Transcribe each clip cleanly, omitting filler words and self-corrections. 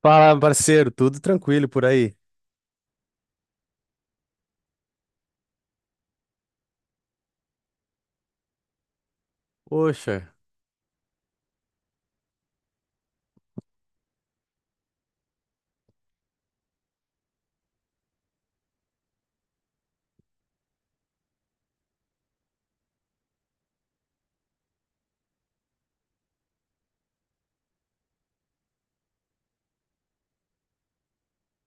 Fala, parceiro, tudo tranquilo por aí? Poxa,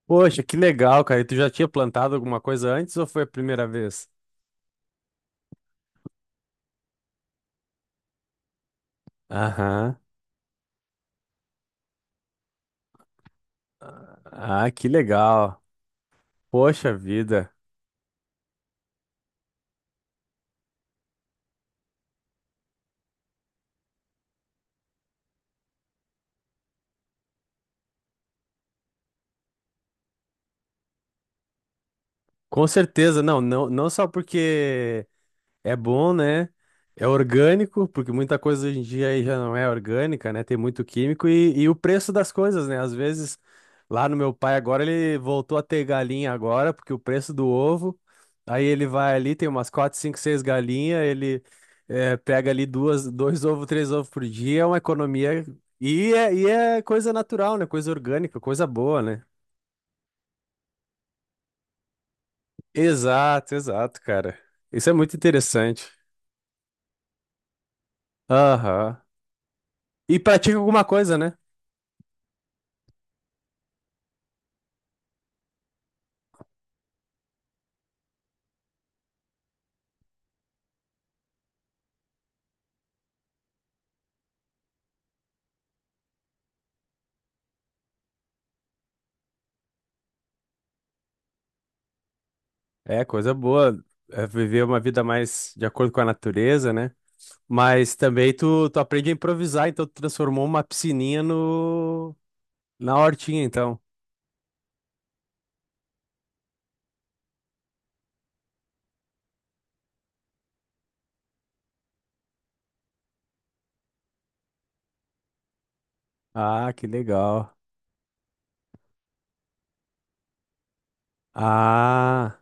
Poxa, que legal, cara. E tu já tinha plantado alguma coisa antes ou foi a primeira vez? Aham. Ah, que legal. Poxa vida. Com certeza, não só porque é bom, né? É orgânico, porque muita coisa hoje em dia aí já não é orgânica, né? Tem muito químico e o preço das coisas, né? Às vezes, lá no meu pai agora, ele voltou a ter galinha agora, porque o preço do ovo, aí ele vai ali, tem umas 4, 5, 6 galinhas, ele pega ali duas, dois ovos, três ovos por dia, é uma economia. E é coisa natural, né? Coisa orgânica, coisa boa, né? Exato, exato, cara. Isso é muito interessante. Aham. E pratica alguma coisa, né? É, coisa boa. É viver uma vida mais de acordo com a natureza, né? Mas também tu aprende a improvisar, então tu transformou uma piscininha no, na hortinha, então. Ah, que legal. Ah,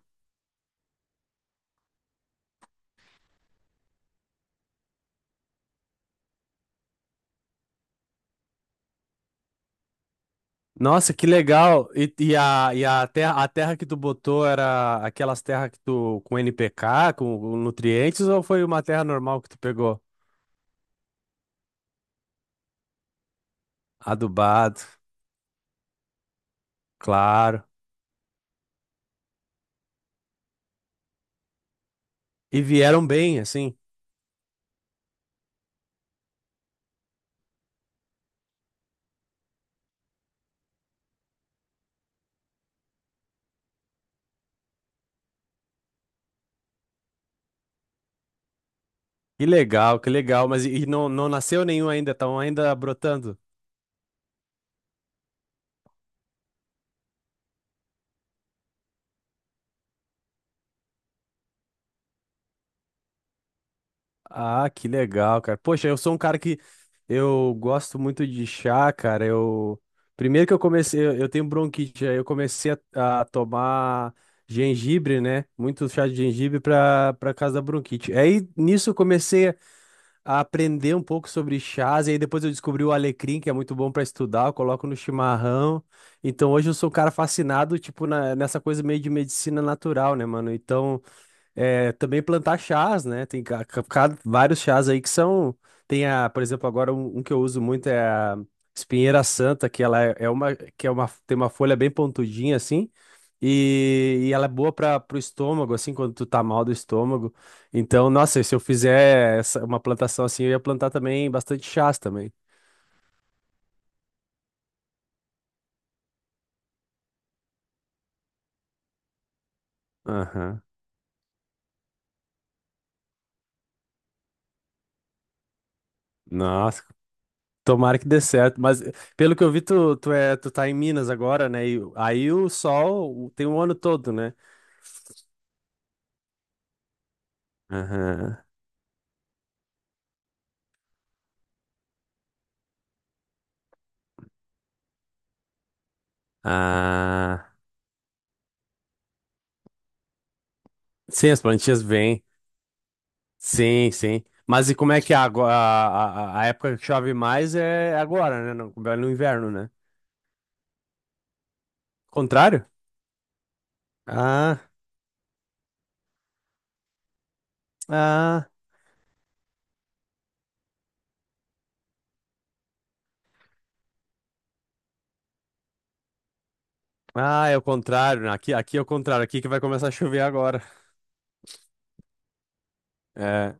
nossa, que legal. E, e a terra, a terra que tu botou era aquelas terras que tu, com NPK, com nutrientes, ou foi uma terra normal que tu pegou? Adubado, claro. E vieram bem, assim. Que legal, que legal. Mas e não, não nasceu nenhum ainda, estão ainda brotando? Ah, que legal, cara. Poxa, eu sou um cara que eu gosto muito de chá, cara. Eu primeiro que eu comecei, eu tenho bronquite, aí eu comecei a tomar gengibre, né? Muito chá de gengibre para para causa da bronquite. Aí nisso eu comecei a aprender um pouco sobre chás, e aí depois eu descobri o alecrim, que é muito bom para estudar, eu coloco no chimarrão. Então hoje eu sou um cara fascinado, tipo, nessa coisa meio de medicina natural, né, mano? Então é, também plantar chás, né? Tem vários chás aí que são. Tem a, por exemplo, agora um que eu uso muito é a espinheira santa, que ela é é uma, que é uma, tem uma folha bem pontudinha assim, e ela é boa para o estômago, assim, quando tu tá mal do estômago. Então, nossa, se eu fizer essa- uma plantação assim, eu ia plantar também bastante chás também. Aham. Nossa, tomara que dê certo. Mas pelo que eu vi, tu tá em Minas agora, né? E aí o sol tem um ano todo, né? Aham. Ah, sim, as plantinhas vêm. Sim, sim. Mas e como é que é agora? A época que chove mais é agora, né? No, é no inverno, né? Contrário? Ah, ah, ah, é o contrário. Né? Aqui, aqui é o contrário. Aqui que vai começar a chover agora. É.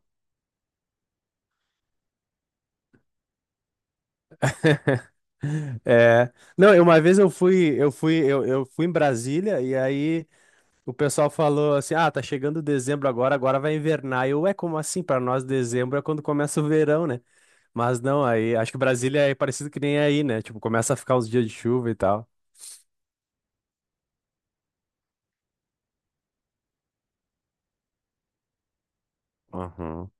É. Não, eu- uma vez eu fui, eu fui em Brasília e aí o pessoal falou assim: ah, tá chegando dezembro agora, agora vai invernar. Eu, é como assim? Para nós, dezembro é quando começa o verão, né? Mas não, aí acho que Brasília é parecido que nem aí, né? Tipo, começa a ficar uns dias de chuva e tal. Aham.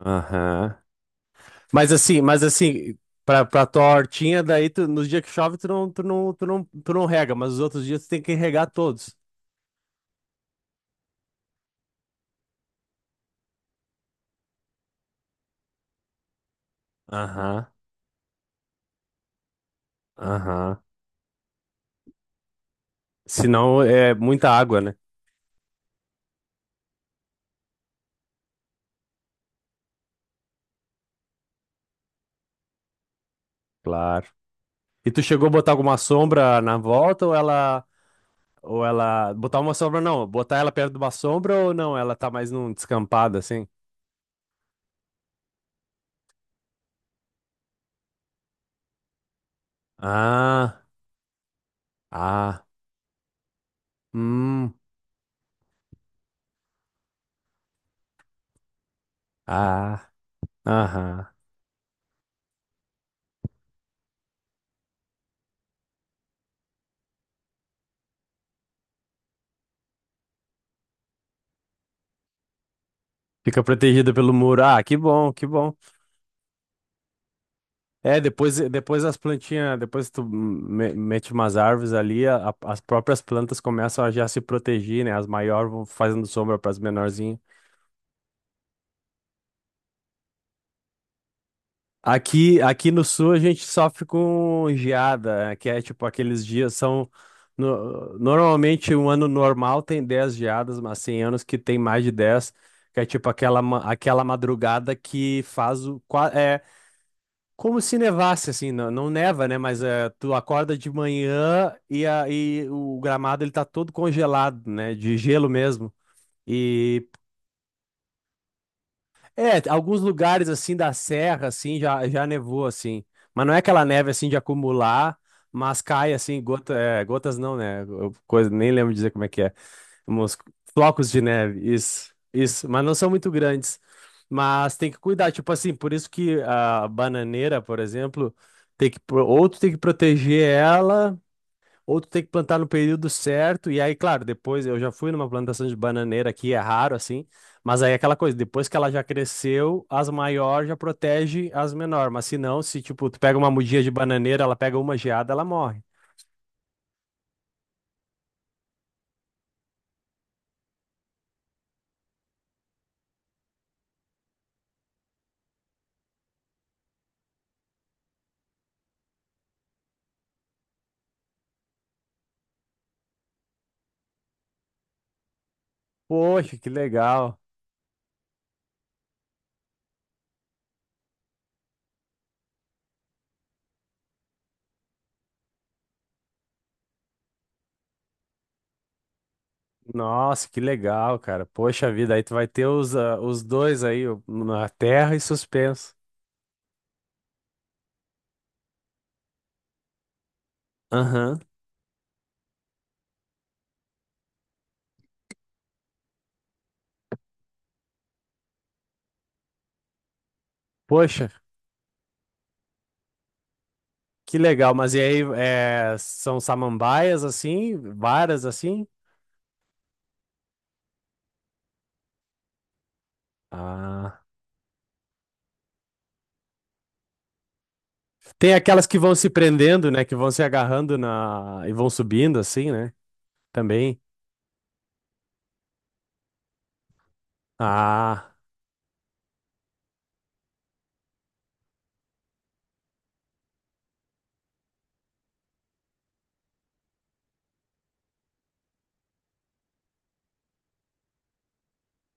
Aham. Mas assim, pra, pra tua hortinha, nos dias que chove, tu não rega, mas os outros dias tu tem que regar todos. Aham, aham. Senão é muita água, né? Claro. E tu chegou a botar alguma sombra na volta ou ela. Ou ela. Botar uma sombra, não. Botar ela perto de uma sombra ou não? Ela tá mais num descampado assim? Ah, ah, hum, ah, aham. Fica protegida pelo muro. Ah, que bom, que bom. É, depois as plantinhas, depois mete umas árvores ali, as próprias plantas começam a já se proteger, né? As maiores vão fazendo sombra para as menorzinhas. Aqui no sul a gente sofre com geada, que é tipo aqueles dias são. Normalmente um ano normal tem 10 geadas, mas tem anos que tem mais de 10, que é tipo aquela, aquela madrugada que faz o. É como se nevasse, assim, não, não neva, né? Mas é, tu acorda de manhã e o gramado ele tá todo congelado, né? De gelo mesmo. É, alguns lugares assim da serra assim já nevou assim, mas não é aquela neve assim de acumular, mas cai assim gota, é, gotas não, né? Eu- Coisa, nem lembro dizer como é que é. Uns flocos de neve, isso, mas não são muito grandes. Mas tem que cuidar, tipo assim, por isso que a bananeira, por exemplo, ou tu tem que proteger ela ou tu tem que plantar no período certo, e aí, claro, depois eu já fui numa plantação de bananeira aqui, é raro assim, mas aí é aquela coisa, depois que ela já cresceu, as maiores já protege as menores, mas se não, se tipo, tu pega uma mudinha de bananeira, ela pega uma geada, ela morre. Poxa, que legal. Nossa, que legal, cara. Poxa vida, aí tu vai ter os, ah, os dois aí, na terra e suspenso. Aham. Poxa, que legal, mas e aí, é, são samambaias assim, varas assim? Ah. Tem aquelas que vão se prendendo, né? Que vão se agarrando na e vão subindo assim, né? Também. Ah,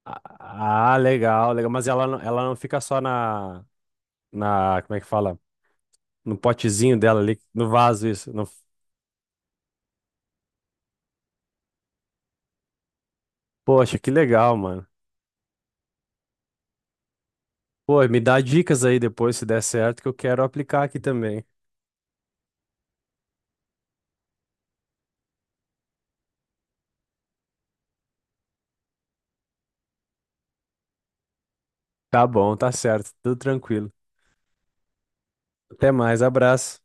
legal, legal. Mas ela, ela não fica só na, na, como é que fala? No potezinho dela ali, no vaso, isso. No... Poxa, que legal, mano. Pô, me dá dicas aí depois, se der certo, que eu quero aplicar aqui também. Tá bom, tá certo. Tudo tranquilo. Até mais, abraço.